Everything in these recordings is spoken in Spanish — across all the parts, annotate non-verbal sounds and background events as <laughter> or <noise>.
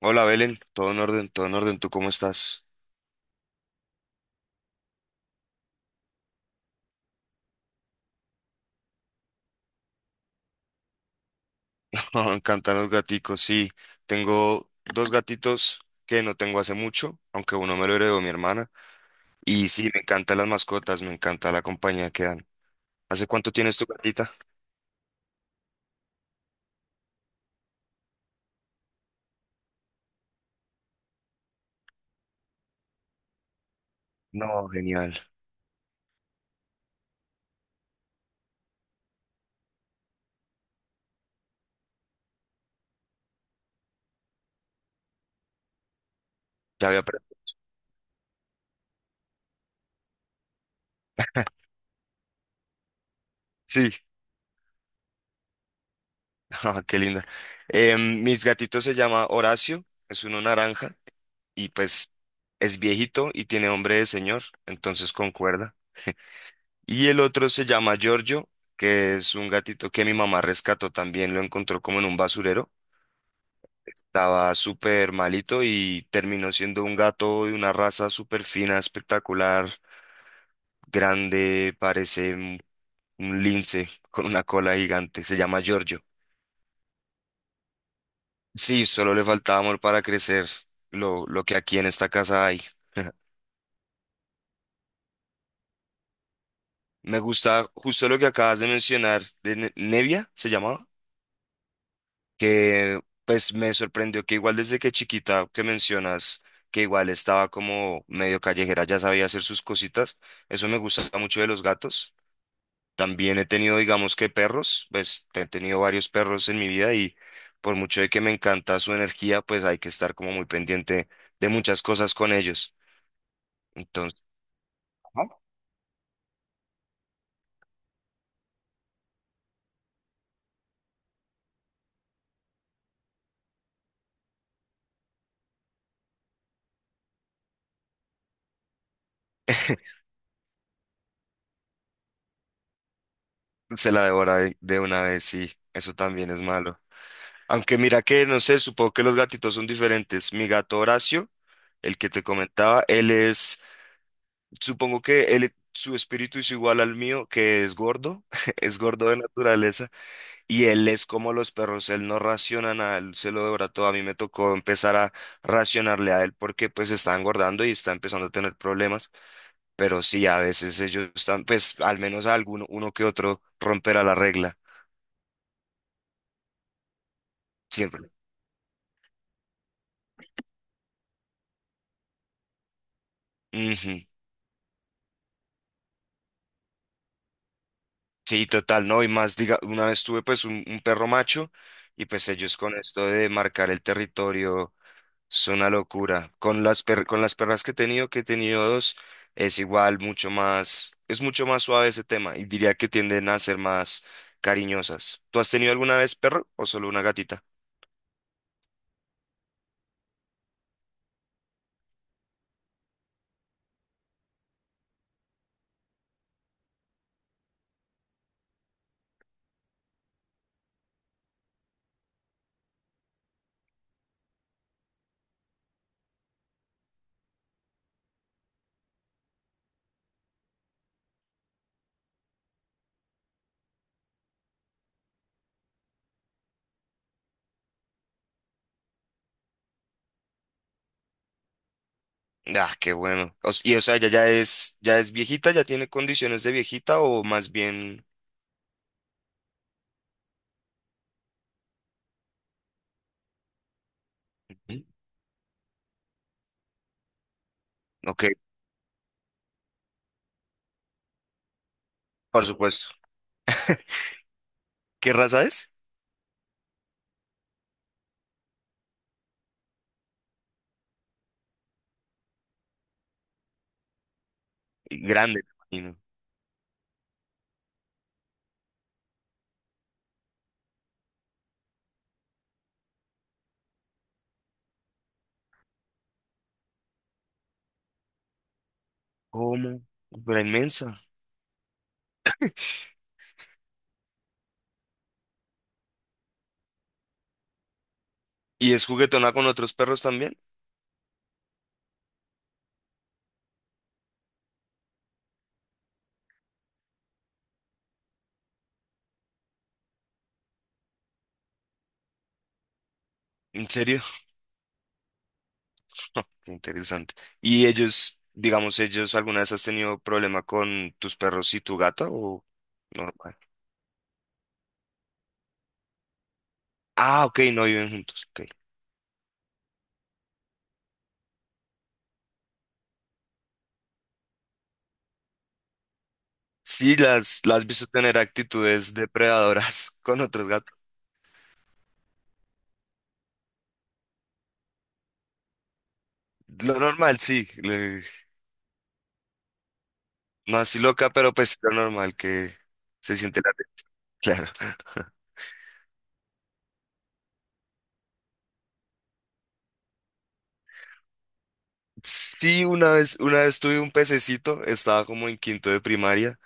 Hola Belén, todo en orden, ¿tú cómo estás? <laughs> Me encantan los gaticos, sí, tengo dos gatitos que no tengo hace mucho, aunque uno me lo heredó mi hermana, y sí, me encantan las mascotas, me encanta la compañía que dan. ¿Hace cuánto tienes tu gatita? No, genial. ya había... pre- Sí. <laughs> Ah, qué linda. Mis gatitos se llama Horacio, es uno naranja, y pues es viejito y tiene hombre de señor, entonces concuerda. Y el otro se llama Giorgio, que es un gatito que mi mamá rescató también, lo encontró como en un basurero. Estaba súper malito y terminó siendo un gato de una raza súper fina, espectacular, grande, parece un lince con una cola gigante. Se llama Giorgio. Sí, solo le faltaba amor para crecer, lo que aquí en esta casa hay. <laughs> Me gusta justo lo que acabas de mencionar, de Nevia, ¿se llamaba? Que pues me sorprendió que igual desde que chiquita que mencionas que igual estaba como medio callejera, ya sabía hacer sus cositas, eso me gusta mucho de los gatos. También he tenido, digamos que perros, pues he tenido varios perros en mi vida y por mucho de que me encanta su energía, pues hay que estar como muy pendiente de muchas cosas con ellos. Entonces, ajá, se la devora de una vez, sí, eso también es malo. Aunque mira que, no sé, supongo que los gatitos son diferentes. Mi gato Horacio, el que te comentaba, supongo que él, su espíritu es igual al mío, que es gordo, <laughs> es gordo de naturaleza, y él es como los perros, él no raciona nada, él se lo devora todo. A mí me tocó empezar a racionarle a él porque pues está engordando y está empezando a tener problemas, pero sí, a veces ellos están, pues al menos alguno, uno que otro romperá la regla, siempre. Ujú. Sí, total, no, y más, diga, una vez tuve pues un perro macho. Y pues ellos con esto de marcar el territorio, es una locura. Con las con las perras que he tenido dos, es igual, mucho más, es mucho más suave ese tema y diría que tienden a ser más cariñosas. ¿Tú has tenido alguna vez perro o solo una gatita? Ah, qué bueno. O s- y O sea, ya es viejita, ya tiene condiciones de viejita o más bien. ¿Mm? Ok, por supuesto. ¿Qué raza es? Grande, me imagino. ¿Cómo? Pero inmensa. ¿Y es juguetona con otros perros también? ¿En serio? Interesante. ¿Y ellos, digamos, ellos alguna vez has tenido problema con tus perros y tu gata o normal? Ah, ok, no viven juntos. Ok. Sí, las has visto tener actitudes depredadoras <laughs> con otros gatos. Lo normal, sí. No así loca, pero pues lo normal que se siente la atención. <laughs> Claro. Sí, una vez, tuve un pececito, estaba como en quinto de primaria.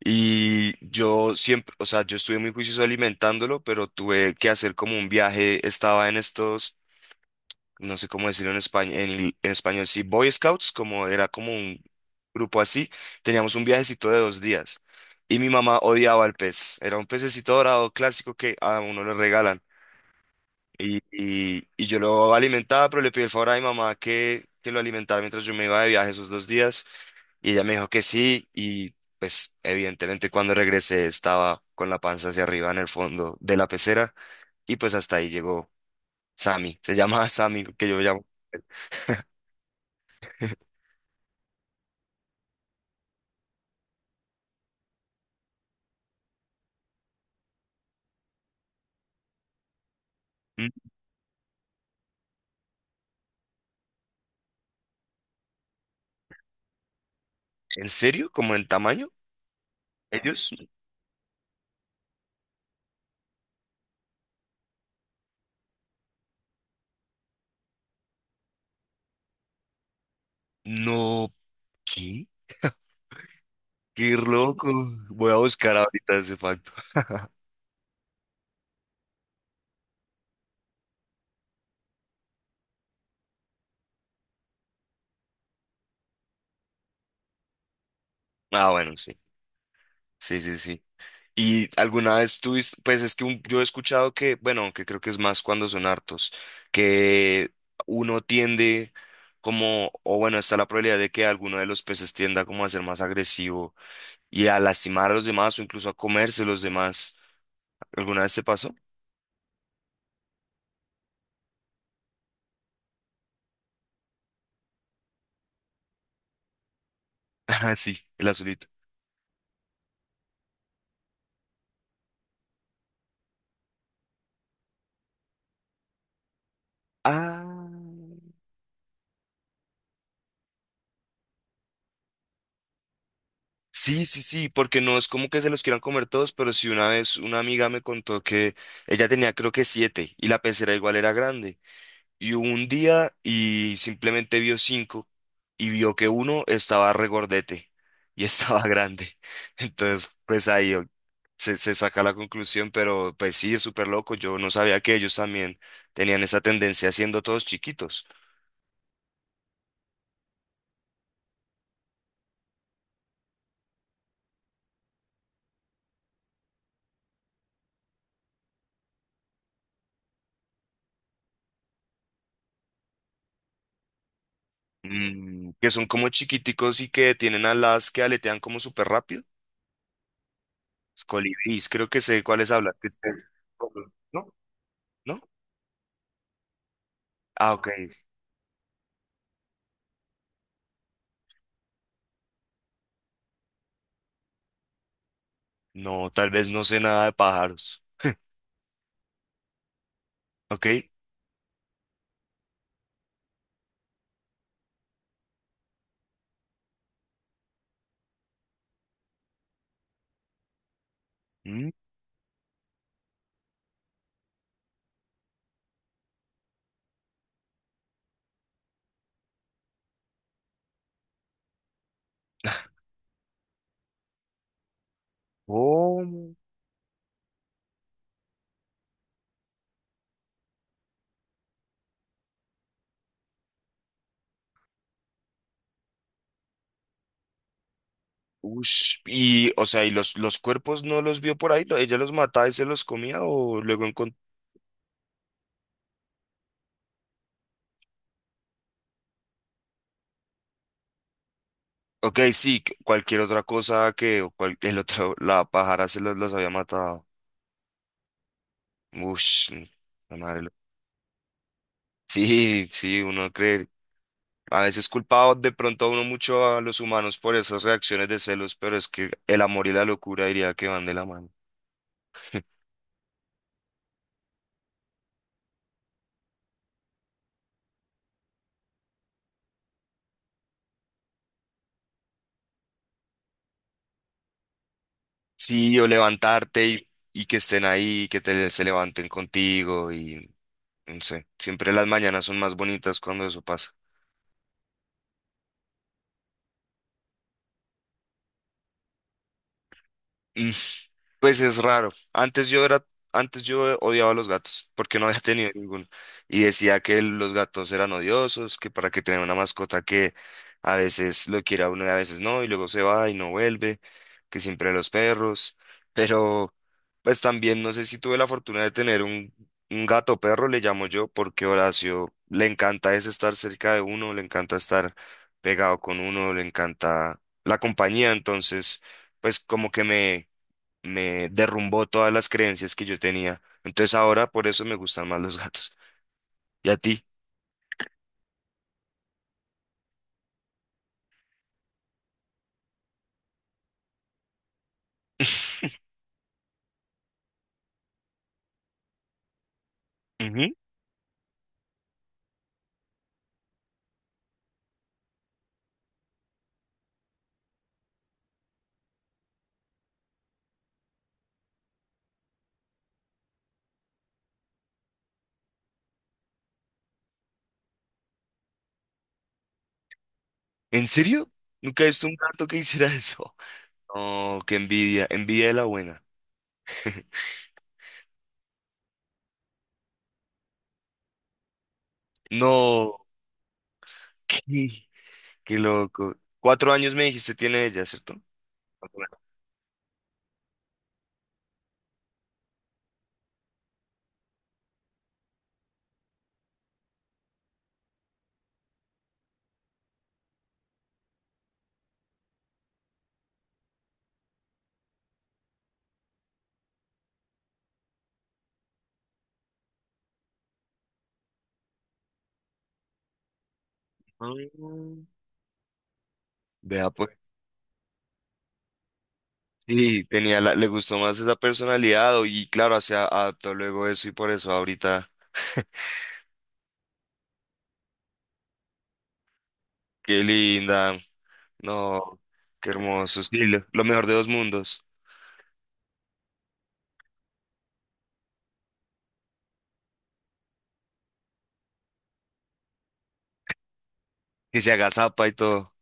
Y yo siempre, o sea, yo estuve muy juicioso alimentándolo, pero tuve que hacer como un viaje, estaba en estos, no sé cómo decirlo en español, en español, sí, Boy Scouts, como era como un grupo así, teníamos un viajecito de 2 días. Y mi mamá odiaba al pez, era un pececito dorado clásico que a uno le regalan. Y yo lo alimentaba, pero le pedí el favor a mi mamá que lo alimentara mientras yo me iba de viaje esos 2 días. Y ella me dijo que sí y pues evidentemente cuando regresé estaba con la panza hacia arriba en el fondo de la pecera y pues hasta ahí llegó Sammy. Se <laughs> llama Sammy, que yo llamo. Mm. ¿En serio? ¿Como en tamaño? ¿Ellos? No, ¿qué? Qué loco. Voy a buscar ahorita ese facto. <laughs> Ah, bueno, sí. Sí, sí, sí. Y alguna vez tuviste, pues es que yo he escuchado que, bueno, aunque creo que es más cuando son hartos, que uno tiende como, o bueno, está la probabilidad de que alguno de los peces tienda como a ser más agresivo y a lastimar a los demás o incluso a comerse los demás. ¿Alguna vez te pasó? <laughs> Ah, sí, el azulito. Ah. Sí, sí, sí, porque no es como que se los quieran comer todos, pero sí una vez una amiga me contó que ella tenía creo que siete y la pecera igual era grande. Y hubo un día y simplemente vio cinco y vio que uno estaba regordete y estaba <laughs> grande. Entonces, pues se, se saca la conclusión, pero pues sí, es súper loco. Yo no sabía que ellos también tenían esa tendencia siendo todos chiquitos. Mm, que son como chiquiticos y que tienen alas que aletean como súper rápido. Los Colibríes, creo que sé de cuáles hablan. ¿Que no? ¿No? Ah, ok. No, tal vez no sé nada de pájaros. Ok. Mm. ¿Cómo? Ush, y, o sea, ¿y los cuerpos no los vio por ahí? ¿Ella los mataba y se los comía o luego encontró? Ok, sí, cualquier otra cosa que o el otro, la pájara los había matado. Ush, mm, la madre. Sí, sí, uno cree. A veces culpaba de pronto a uno mucho a los humanos por esas reacciones de celos, pero es que el amor y la locura diría que van de la mano. Sí, o levantarte y que estén ahí, se levanten contigo y no sé, siempre las mañanas son más bonitas cuando eso pasa. Mm, pues es raro. Antes yo odiaba a los gatos porque no había <laughs> tenido ninguno. Y decía que los gatos eran odiosos, que para que tener una mascota que a veces lo quiere a uno y a veces no, y luego se va y no vuelve, que siempre los perros. Pero pues también no sé si tuve la fortuna de tener un gato perro, le llamo yo, porque Horacio le encanta es estar cerca de uno, le encanta estar pegado con uno, le encanta la compañía, entonces pues como que me derrumbó todas las creencias que yo tenía. Entonces ahora por eso me gustan más los gatos. ¿Y a ti? <laughs> Ujú. ¿En serio? Nunca he visto un gato que hiciera eso. No, qué envidia, envidia de la buena. No, <laughs> qué, qué loco. 4 años me dijiste tiene ella, ¿cierto? 4 años. Mm. Vea pues. Sí, le gustó más esa personalidad y claro, adaptó luego eso y por eso ahorita, qué linda. No, qué hermoso. Sí, lo mejor de dos mundos. Que se agazapa y todo.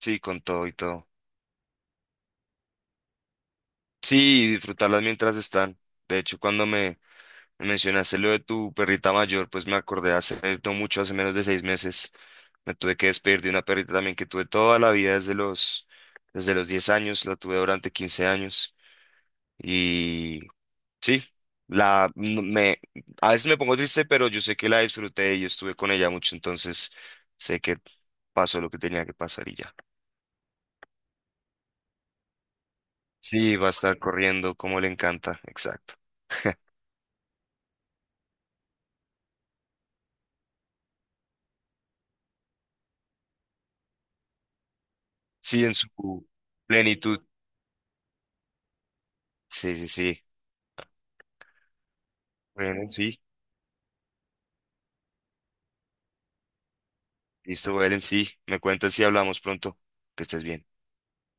Sí, con todo y todo. Sí, y disfrutarlas mientras están. De hecho, me mencionaste lo de tu perrita mayor, pues me acordé hace no mucho, hace menos de 6 meses, me tuve que despedir de una perrita también que tuve toda la vida desde los 10 años, la tuve durante 15 años. Y sí, la, no- me, a veces me pongo triste, pero yo sé que la disfruté y estuve con ella mucho, entonces sé que pasó lo que tenía que pasar y ya. Sí, va a estar corriendo como le encanta, exacto. Sí, en su plenitud. Sí, sí, sí. Bueno, sí. Listo, Beren, sí. Me cuentas si hablamos pronto. Que estés bien.